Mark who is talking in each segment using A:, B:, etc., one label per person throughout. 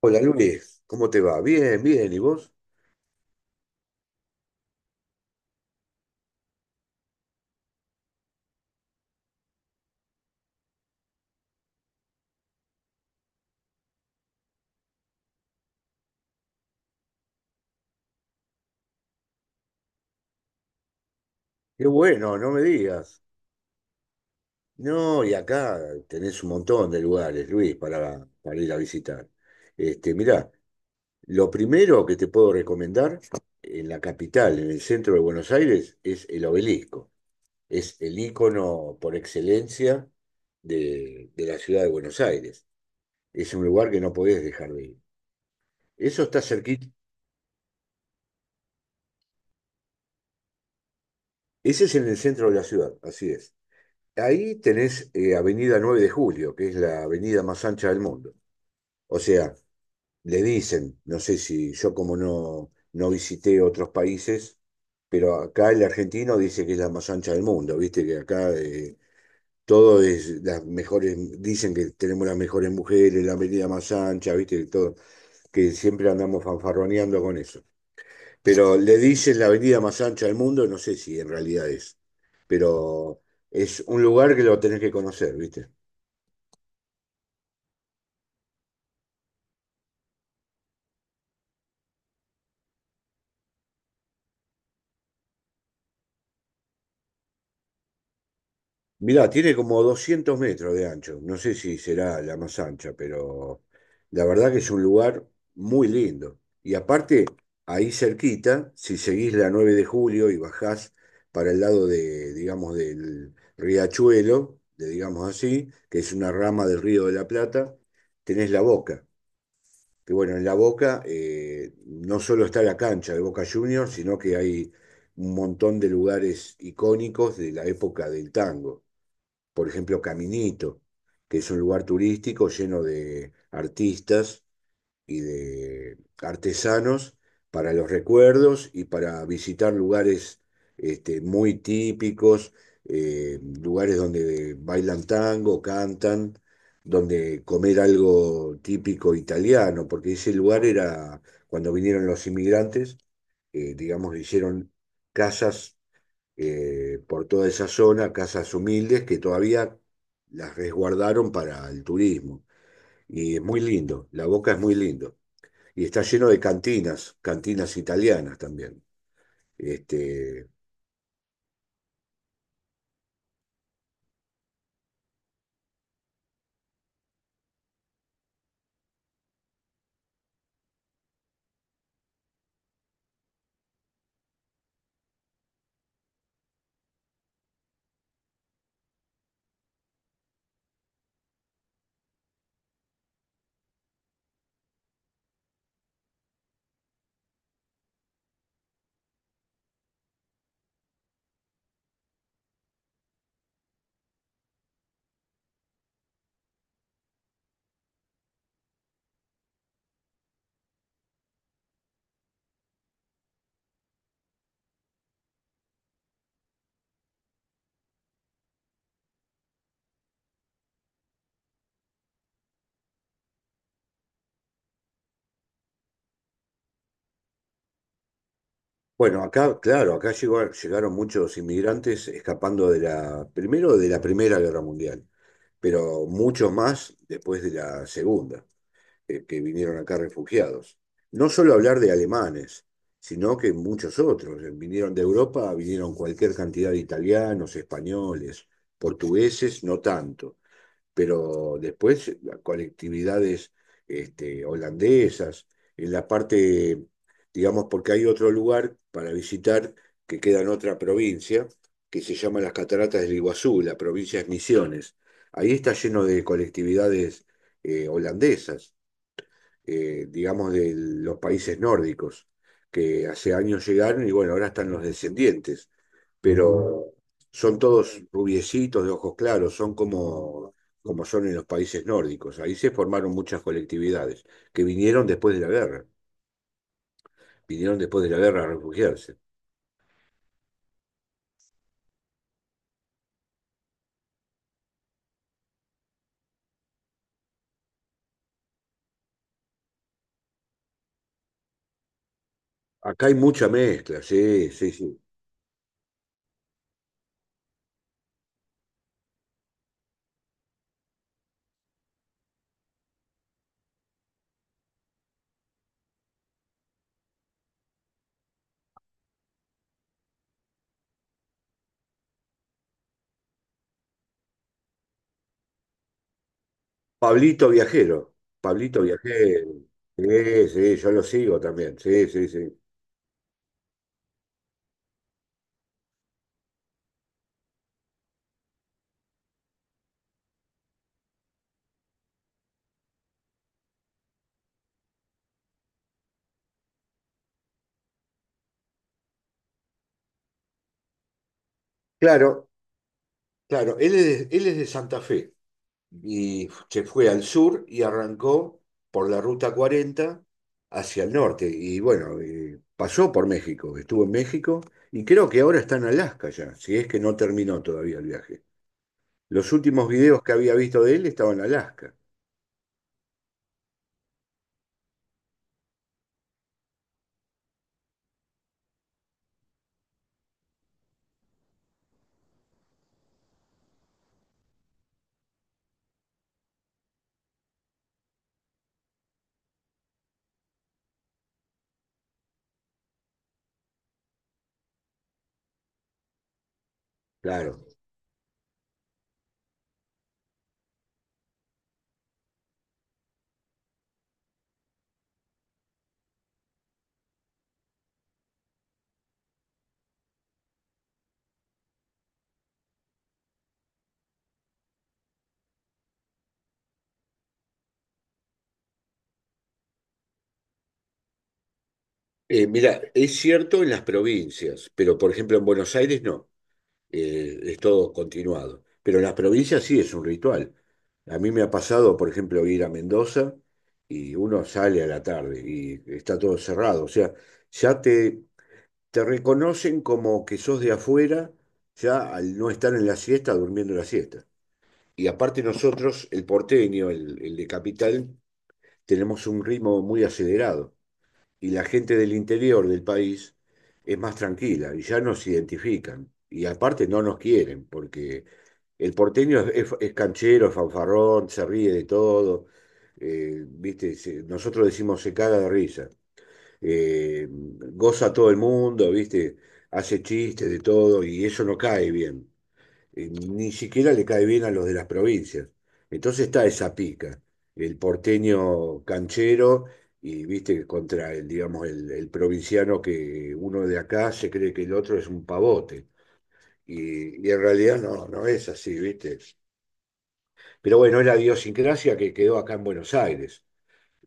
A: Hola Luis, ¿cómo te va? Bien, bien, ¿y vos? Qué bueno, no me digas. No, y acá tenés un montón de lugares, Luis, para ir a visitar. Este, mirá, lo primero que te puedo recomendar en la capital, en el centro de Buenos Aires, es el obelisco. Es el ícono por excelencia de la ciudad de Buenos Aires. Es un lugar que no podés dejar de ir. Eso está cerquita. Ese es en el centro de la ciudad, así es. Ahí tenés Avenida 9 de Julio, que es la avenida más ancha del mundo. O sea, le dicen, no sé si yo como no, no visité otros países, pero acá el argentino dice que es la más ancha del mundo, viste que acá todo es las mejores, dicen que tenemos las mejores mujeres, la avenida más ancha, viste que todo, que siempre andamos fanfarroneando con eso. Pero le dicen la avenida más ancha del mundo, no sé si en realidad es, pero es un lugar que lo tenés que conocer, viste. Mirá, tiene como 200 metros de ancho. No sé si será la más ancha, pero la verdad que es un lugar muy lindo. Y aparte, ahí cerquita, si seguís la 9 de julio y bajás para el lado de, digamos, del Riachuelo, de, digamos así, que es una rama del Río de la Plata, tenés La Boca. Que bueno, en La Boca no solo está la cancha de Boca Juniors, sino que hay un montón de lugares icónicos de la época del tango, por ejemplo Caminito, que es un lugar turístico lleno de artistas y de artesanos para los recuerdos y para visitar lugares este, muy típicos, lugares donde bailan tango, cantan, donde comer algo típico italiano, porque ese lugar era, cuando vinieron los inmigrantes, digamos, hicieron casas por toda esa zona, casas humildes que todavía las resguardaron para el turismo. Y es muy lindo, La Boca es muy lindo. Y está lleno de cantinas, cantinas italianas también. Este, bueno, acá, claro, acá llegaron muchos inmigrantes escapando de la, primero de la Primera Guerra Mundial, pero muchos más después de la Segunda. Que vinieron acá refugiados. No solo hablar de alemanes, sino que muchos otros. Vinieron de Europa, vinieron cualquier cantidad de italianos, españoles, portugueses, no tanto, pero después colectividades este, holandesas, en la parte, digamos, porque hay otro lugar para visitar que queda en otra provincia, que se llama las Cataratas del Iguazú, la provincia de Misiones. Ahí está lleno de colectividades holandesas, digamos, de los países nórdicos, que hace años llegaron y bueno, ahora están los descendientes, pero son todos rubiecitos de ojos claros, son como, como son en los países nórdicos. Ahí se formaron muchas colectividades que vinieron después de la guerra, vinieron después de la guerra a refugiarse. Acá hay mucha mezcla, sí, sí, sí. Pablito Viajero, Pablito Viajero, sí, sí, yo lo sigo también, sí, sí, sí. Claro, claro, él es de Santa Fe. Y se fue al sur y arrancó por la ruta 40 hacia el norte. Y bueno, pasó por México, estuvo en México y creo que ahora está en Alaska ya, si es que no terminó todavía el viaje. Los últimos videos que había visto de él estaban en Alaska, claro. Mira, es cierto en las provincias, pero por ejemplo en Buenos Aires no. Es todo continuado. Pero en las provincias sí es un ritual. A mí me ha pasado, por ejemplo, ir a Mendoza y uno sale a la tarde y está todo cerrado. O sea, ya te reconocen como que sos de afuera, ya al no estar en la siesta, durmiendo la siesta. Y aparte nosotros, el porteño, el de capital, tenemos un ritmo muy acelerado y la gente del interior del país es más tranquila y ya nos identifican. Y aparte no nos quieren, porque el porteño es canchero, es fanfarrón, se ríe de todo. ¿Viste? Nosotros decimos se caga de risa. Goza a todo el mundo, ¿viste? Hace chistes de todo y eso no cae bien, ni siquiera le cae bien a los de las provincias. Entonces está esa pica, el porteño canchero, y viste contra el, digamos, el provinciano, que uno de acá se cree que el otro es un pavote. Y en realidad no, no es así, ¿viste? Pero bueno, es la idiosincrasia que quedó acá en Buenos Aires,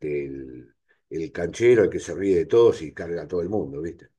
A: del el canchero, el que se ríe de todos y carga a todo el mundo, ¿viste?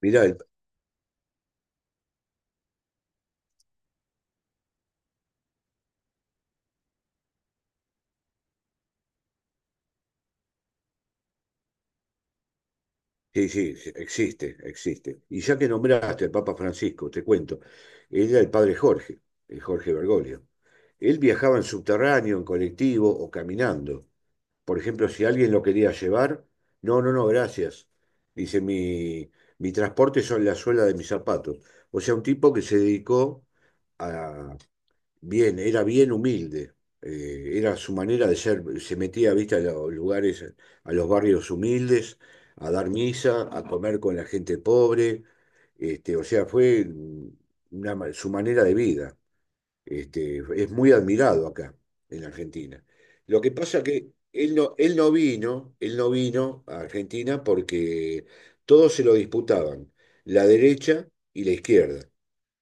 A: Mirá, el Sí, sí, sí, existe, existe. Y ya que nombraste al Papa Francisco, te cuento, era el padre Jorge, el Jorge Bergoglio. Él viajaba en subterráneo, en colectivo o caminando. Por ejemplo, si alguien lo quería llevar, no, no, no, gracias. Dice, mi transporte son la suela de mis zapatos. O sea, un tipo que se dedicó. a, Bien, era bien humilde. Era su manera de ser. Se metía, viste, a los lugares, a los barrios humildes, a dar misa, a comer con la gente pobre. Este, o sea, fue una su manera de vida. Este, es muy admirado acá, en la Argentina. Lo que pasa que él no vino a Argentina porque todos se lo disputaban, la derecha y la izquierda.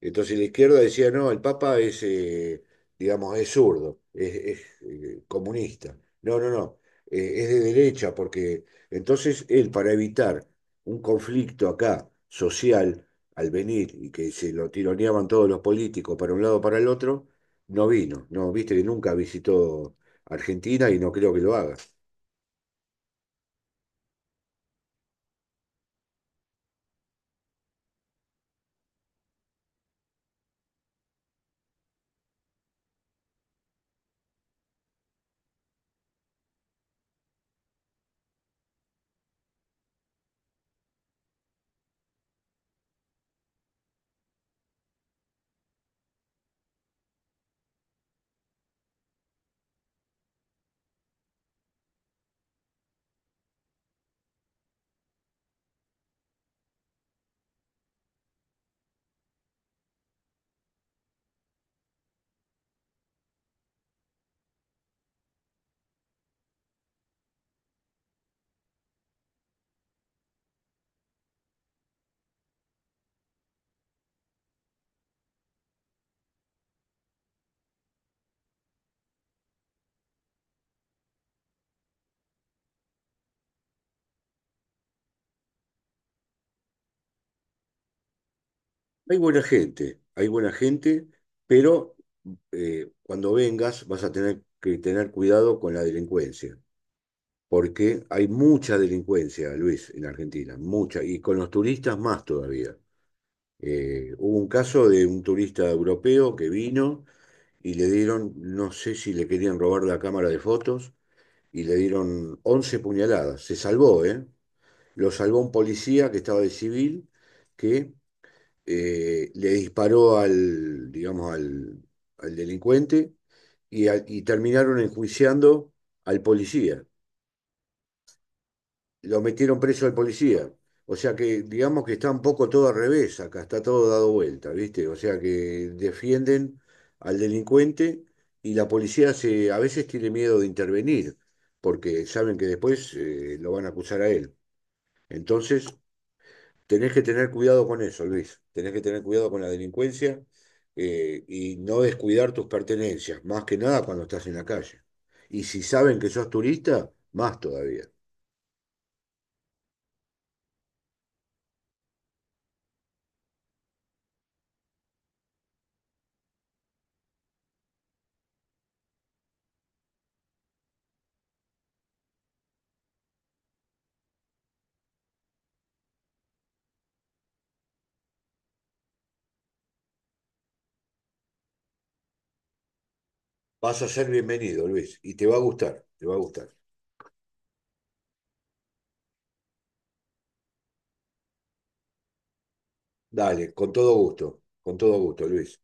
A: Entonces la izquierda decía, no, el Papa es, digamos, es zurdo, es comunista. No, no, no, es de derecha, porque entonces él, para evitar un conflicto acá social, al venir y que se lo tironeaban todos los políticos para un lado para el otro, no vino. No, viste que nunca visitó Argentina y no creo que lo haga. Hay buena gente, pero cuando vengas vas a tener que tener cuidado con la delincuencia, porque hay mucha delincuencia, Luis, en Argentina, mucha, y con los turistas más todavía. Hubo un caso de un turista europeo que vino y le dieron, no sé si le querían robar la cámara de fotos, y le dieron 11 puñaladas. Se salvó, ¿eh? Lo salvó un policía que estaba de civil, que le disparó al, digamos, al delincuente, y terminaron enjuiciando al policía, lo metieron preso al policía. O sea que digamos que está un poco todo al revés acá, está todo dado vuelta, ¿viste? O sea que defienden al delincuente y la policía a veces tiene miedo de intervenir, porque saben que después lo van a acusar a él. Entonces, tenés que tener cuidado con eso, Luis. Tenés que tener cuidado con la delincuencia, y no descuidar tus pertenencias, más que nada cuando estás en la calle. Y si saben que sos turista, más todavía. Vas a ser bienvenido, Luis, y te va a gustar, te va a gustar. Dale, con todo gusto, Luis.